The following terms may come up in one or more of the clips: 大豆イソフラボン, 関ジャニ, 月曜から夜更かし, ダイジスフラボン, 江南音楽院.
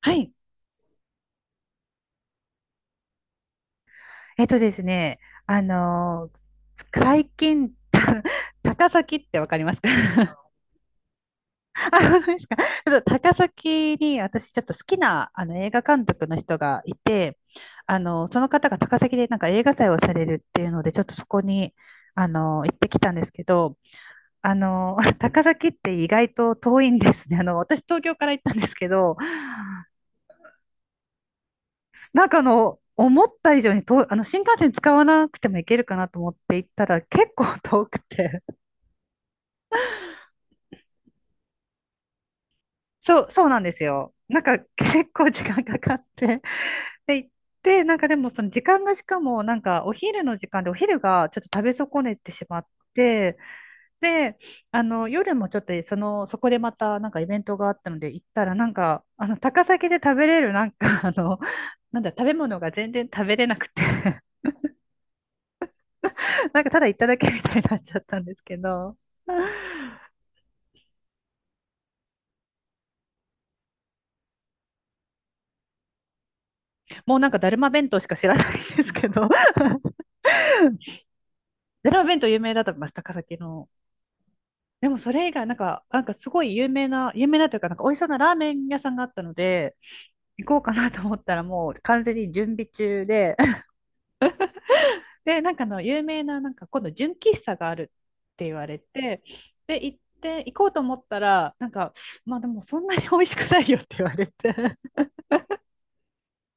はい。えっとですね、あのー最近、高崎ってわかりますか？ あ、本当ですか。ちょっと高崎に私ちょっと好きな映画監督の人がいて、その方が高崎でなんか映画祭をされるっていうので、ちょっとそこに、行ってきたんですけど、高崎って意外と遠いんですね。あの、私東京から行ったんですけど、思った以上にと、あの、新幹線使わなくても行けるかなと思って行ったら結構遠くて。そうなんですよ。なんか結構時間かかって。で、行って、なんかでもその時間がしかもなんかお昼の時間でお昼がちょっと食べ損ねてしまって、で、あの、夜もちょっとその、そこでまたなんかイベントがあったので行ったらなんか、高崎で食べれるなんかあの、なんだ、食べ物が全然食べれなくてなんかただ行っただけみたいになっちゃったんですけど、もうなんかだるま弁当しか知らないんですけど、だるま弁当有名だと思います、高崎の。でもそれ以外、なんかすごい有名な、有名なというか、なんか美味しそうなラーメン屋さんがあったので、行こうかなと思ったらもう完全に準備中で、で、なんかあの有名な、なんか今度純喫茶があるって言われて、で、行って、行こうと思ったら、なんか、まあでもそんなに美味しくないよって言われて、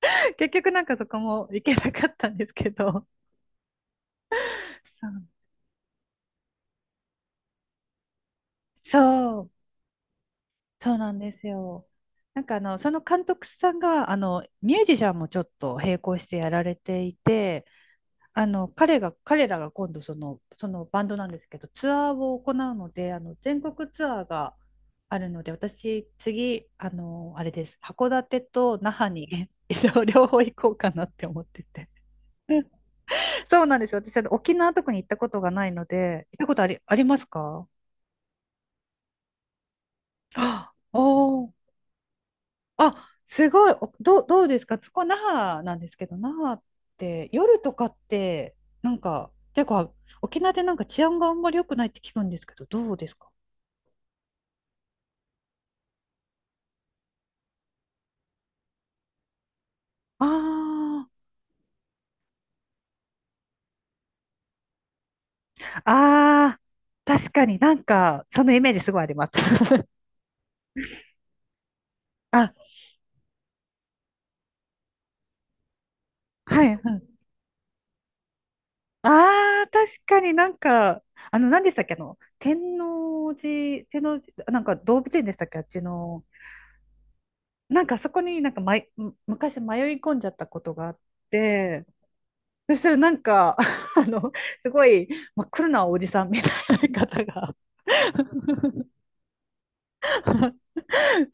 結局なんかそこも行けなかったんですけど、そうそう、そうなんですよ。なんかあの、その監督さんが、ミュージシャンもちょっと並行してやられていて、彼らが今度その、そのバンドなんですけど、ツアーを行うので、あの、全国ツアーがあるので、私、次、あの、あれです、函館と那覇に 両方行こうかなって思ってて。そうなんですよ。私、あの沖縄とかに行ったことがないので、行ったことあり、ありますか？あ、お、あ、すごい。おどう、どうですかそこ、那覇なんですけど、那覇って夜とかって、なんか、結構、沖縄でなんか治安があんまり良くないって聞くんですけど、どうですか？ああ、ああ、確かになんか、そのイメージすごいあります。あ、はい、はい。ああ、確かになんか、あの、何でしたっけ、あの、天王寺、なんか動物園でしたっけ、あっちの、なんかそこになんか、まい、む昔迷い込んじゃったことがあって、そしたらなんか、あの、すごい真っ黒なおじさんみたいな方が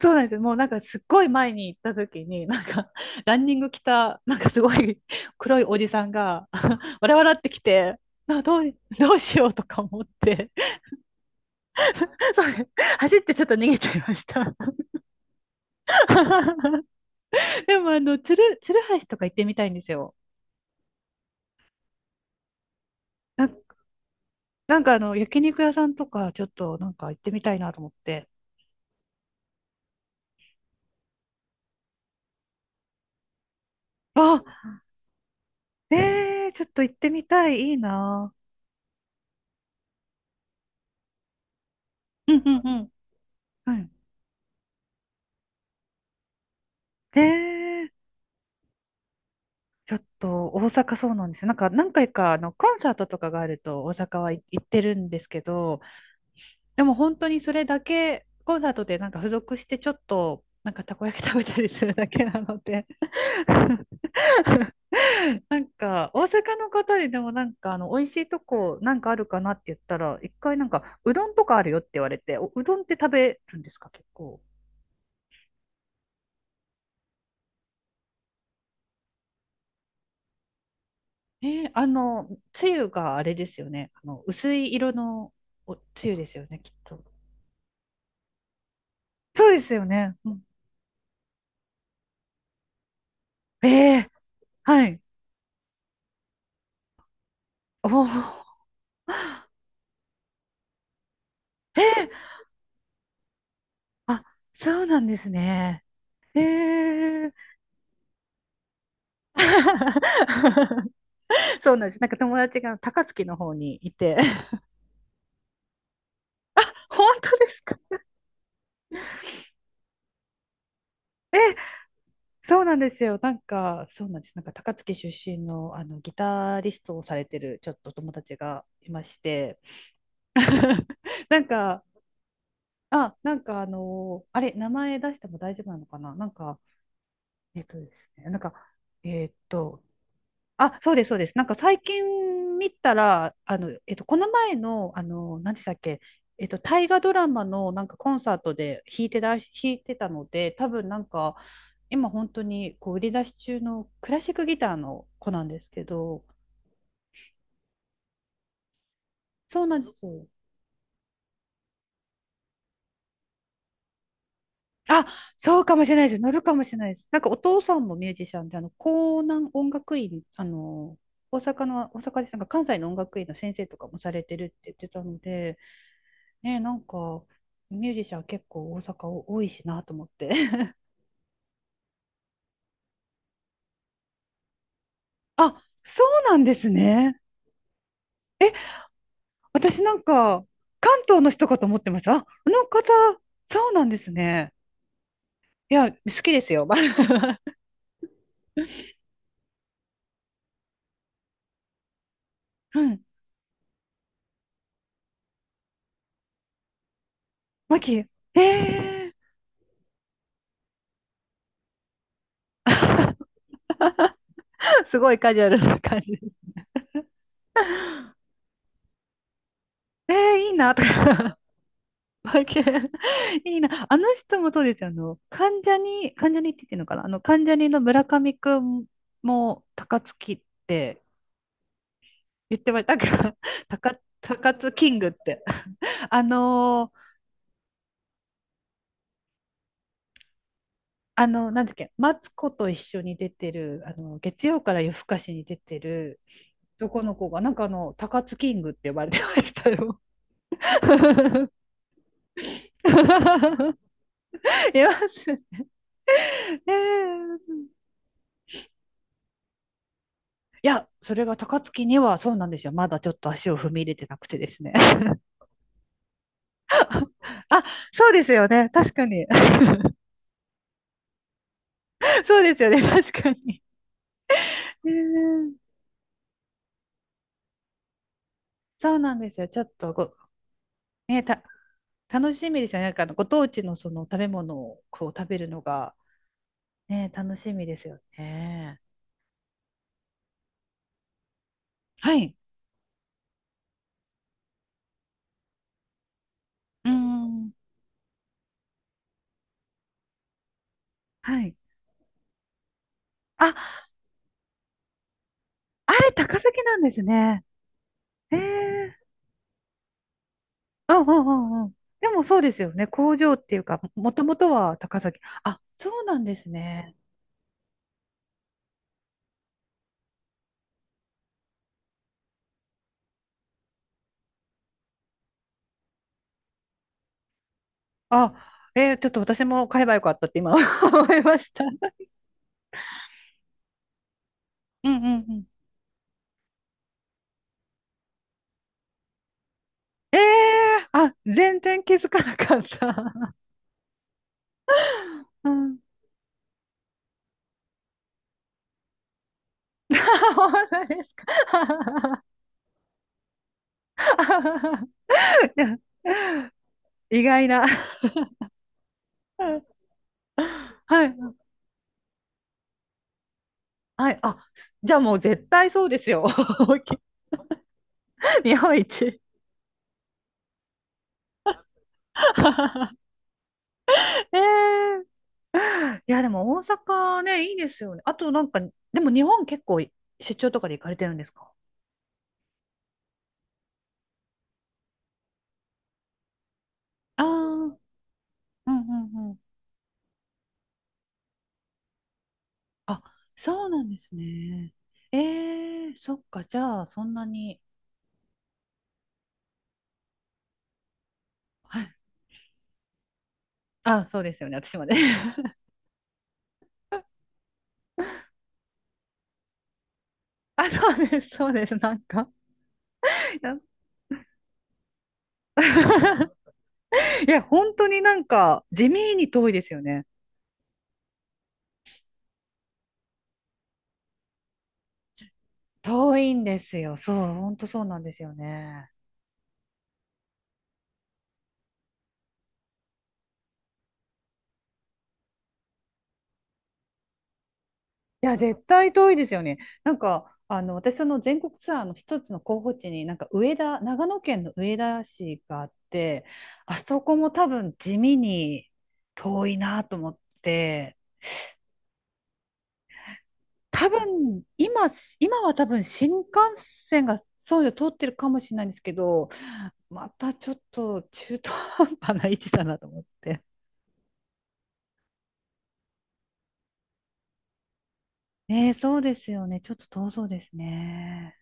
そうなんですよ。もうなんかすっごい前に行った時に、なんかランニング着た、なんかすごい黒いおじさんが、わらわらってきて、あ、どう、どうしようとか思って、そうね走ってちょっと逃げちゃいました。でもあの、鶴橋とか行ってみたいんですよ。なんなんかあの、焼肉屋さんとかちょっとなんか行ってみたいなと思って。あ、えー、ちょっと行ってみたい。いいな。うんうんうん。はい。えー、ちょっと大阪そうなんですよ。なんか何回かあのコンサートとかがあると大阪は行ってるんですけど、でも本当にそれだけ、コンサートでなんか付属してちょっとなんかたこ焼き食べたりするだけなので。 なんか大阪の方ででもなんかあの美味しいとこなんかあるかなって言ったら一回なんかうどんとかあるよって言われて、おうどんって食べるんですか結構？えーあの、つゆがあれですよね。あの、薄い色のおつゆですよね、きっと。そうですよね。うん、えー、はい。おー。 えー、あ、そうなんですね。ええ。 そうなんです。なんか友達が高槻の方にいて。本当ですか？そうなんですよ。なんか、そうなんです。なんか高槻出身の、あのギタリストをされてるちょっと友達がいまして、なんか、あ、なんかあのーあれ、名前出しても大丈夫なのかななんか、えっとですね、なんか、えっと、あ、そうです、そうです。なんか最近見たら、あの、えっと、この前の、あの何でしたっけ、えっと、大河ドラマのなんかコンサートで弾いてたので、多分なんか、今本当にこう売り出し中のクラシックギターの子なんですけど、そうなんですよ。あ、そうかもしれないです。乗るかもしれないです。なんかお父さんもミュージシャンで、あの、江南音楽院、大阪の、大阪です。なんか関西の音楽院の先生とかもされてるって言ってたので、ね、なんか、ミュージシャン結構大阪多いしなと思って。あ、そうなんですね。私なんか、関東の人かと思ってました。あ、あの方、そうなんですね。いや、好きですよ。うん。マキ、えー、すごいカジュアルな感じです。えー、いいなとか。バケン いいな。あの人もそうですよ。あの、関ジャニって言ってるのかなあの、関ジャニの村上くんも、高槻って言ってました。なんか、高津キングって。あのー、あの、なんだっけ、マツコと一緒に出てる、あの、月曜から夜更かしに出てる男の子が、なんかあの、高津キングって呼ばれてましたよ。います。ねえ、いや、それが高槻にはそうなんですよ。まだちょっと足を踏み入れてなくてですね。あ、そうですよね。確かに。そうですよね、確かに。うん、そうなんですよ。ちょっとご、ね、た、楽しみですよね。なんかあのご当地のその食べ物をこう食べるのが、ね、楽しみですよね。はい。うーん。はい。あ、あれ高崎なんですね。ええ、うんうんうんうん。でもそうですよね。工場っていうか、もともとは高崎。あ、そうなんですね。あ、えーちょっと私も買えばよかったって今 思いました。うんうんうん。えー、あ、全然気づかなかった。うん。本当ですか？ 意外な。うん、はい。はい。あ、じゃあもう絶対そうですよ。日本一。ええ、いや、でも大阪ね、いいですよね。あとなんか、でも日本結構出張とかで行かれてるんですか？ああー、うんうん、あ、そうなんですね。えー、そっか、じゃあ、そんなに。はい。あ、そうですよね、私まで。あ、そうです、そうです、なんか。いや、いや本当になんか、地味に遠いですよね。遠いんですよ、そう、本当そうなんですよね。いや、絶対遠いですよね。なんか、あの、私、その全国ツアーの一つの候補地に、なんか、上田、長野県の上田市があって、あそこも多分地味に遠いなと思って。多分、今は多分新幹線がそうよ、通ってるかもしれないんですけど、またちょっと中途半端な位置だなと思って。ねえ、そうですよね。ちょっと遠そうですね。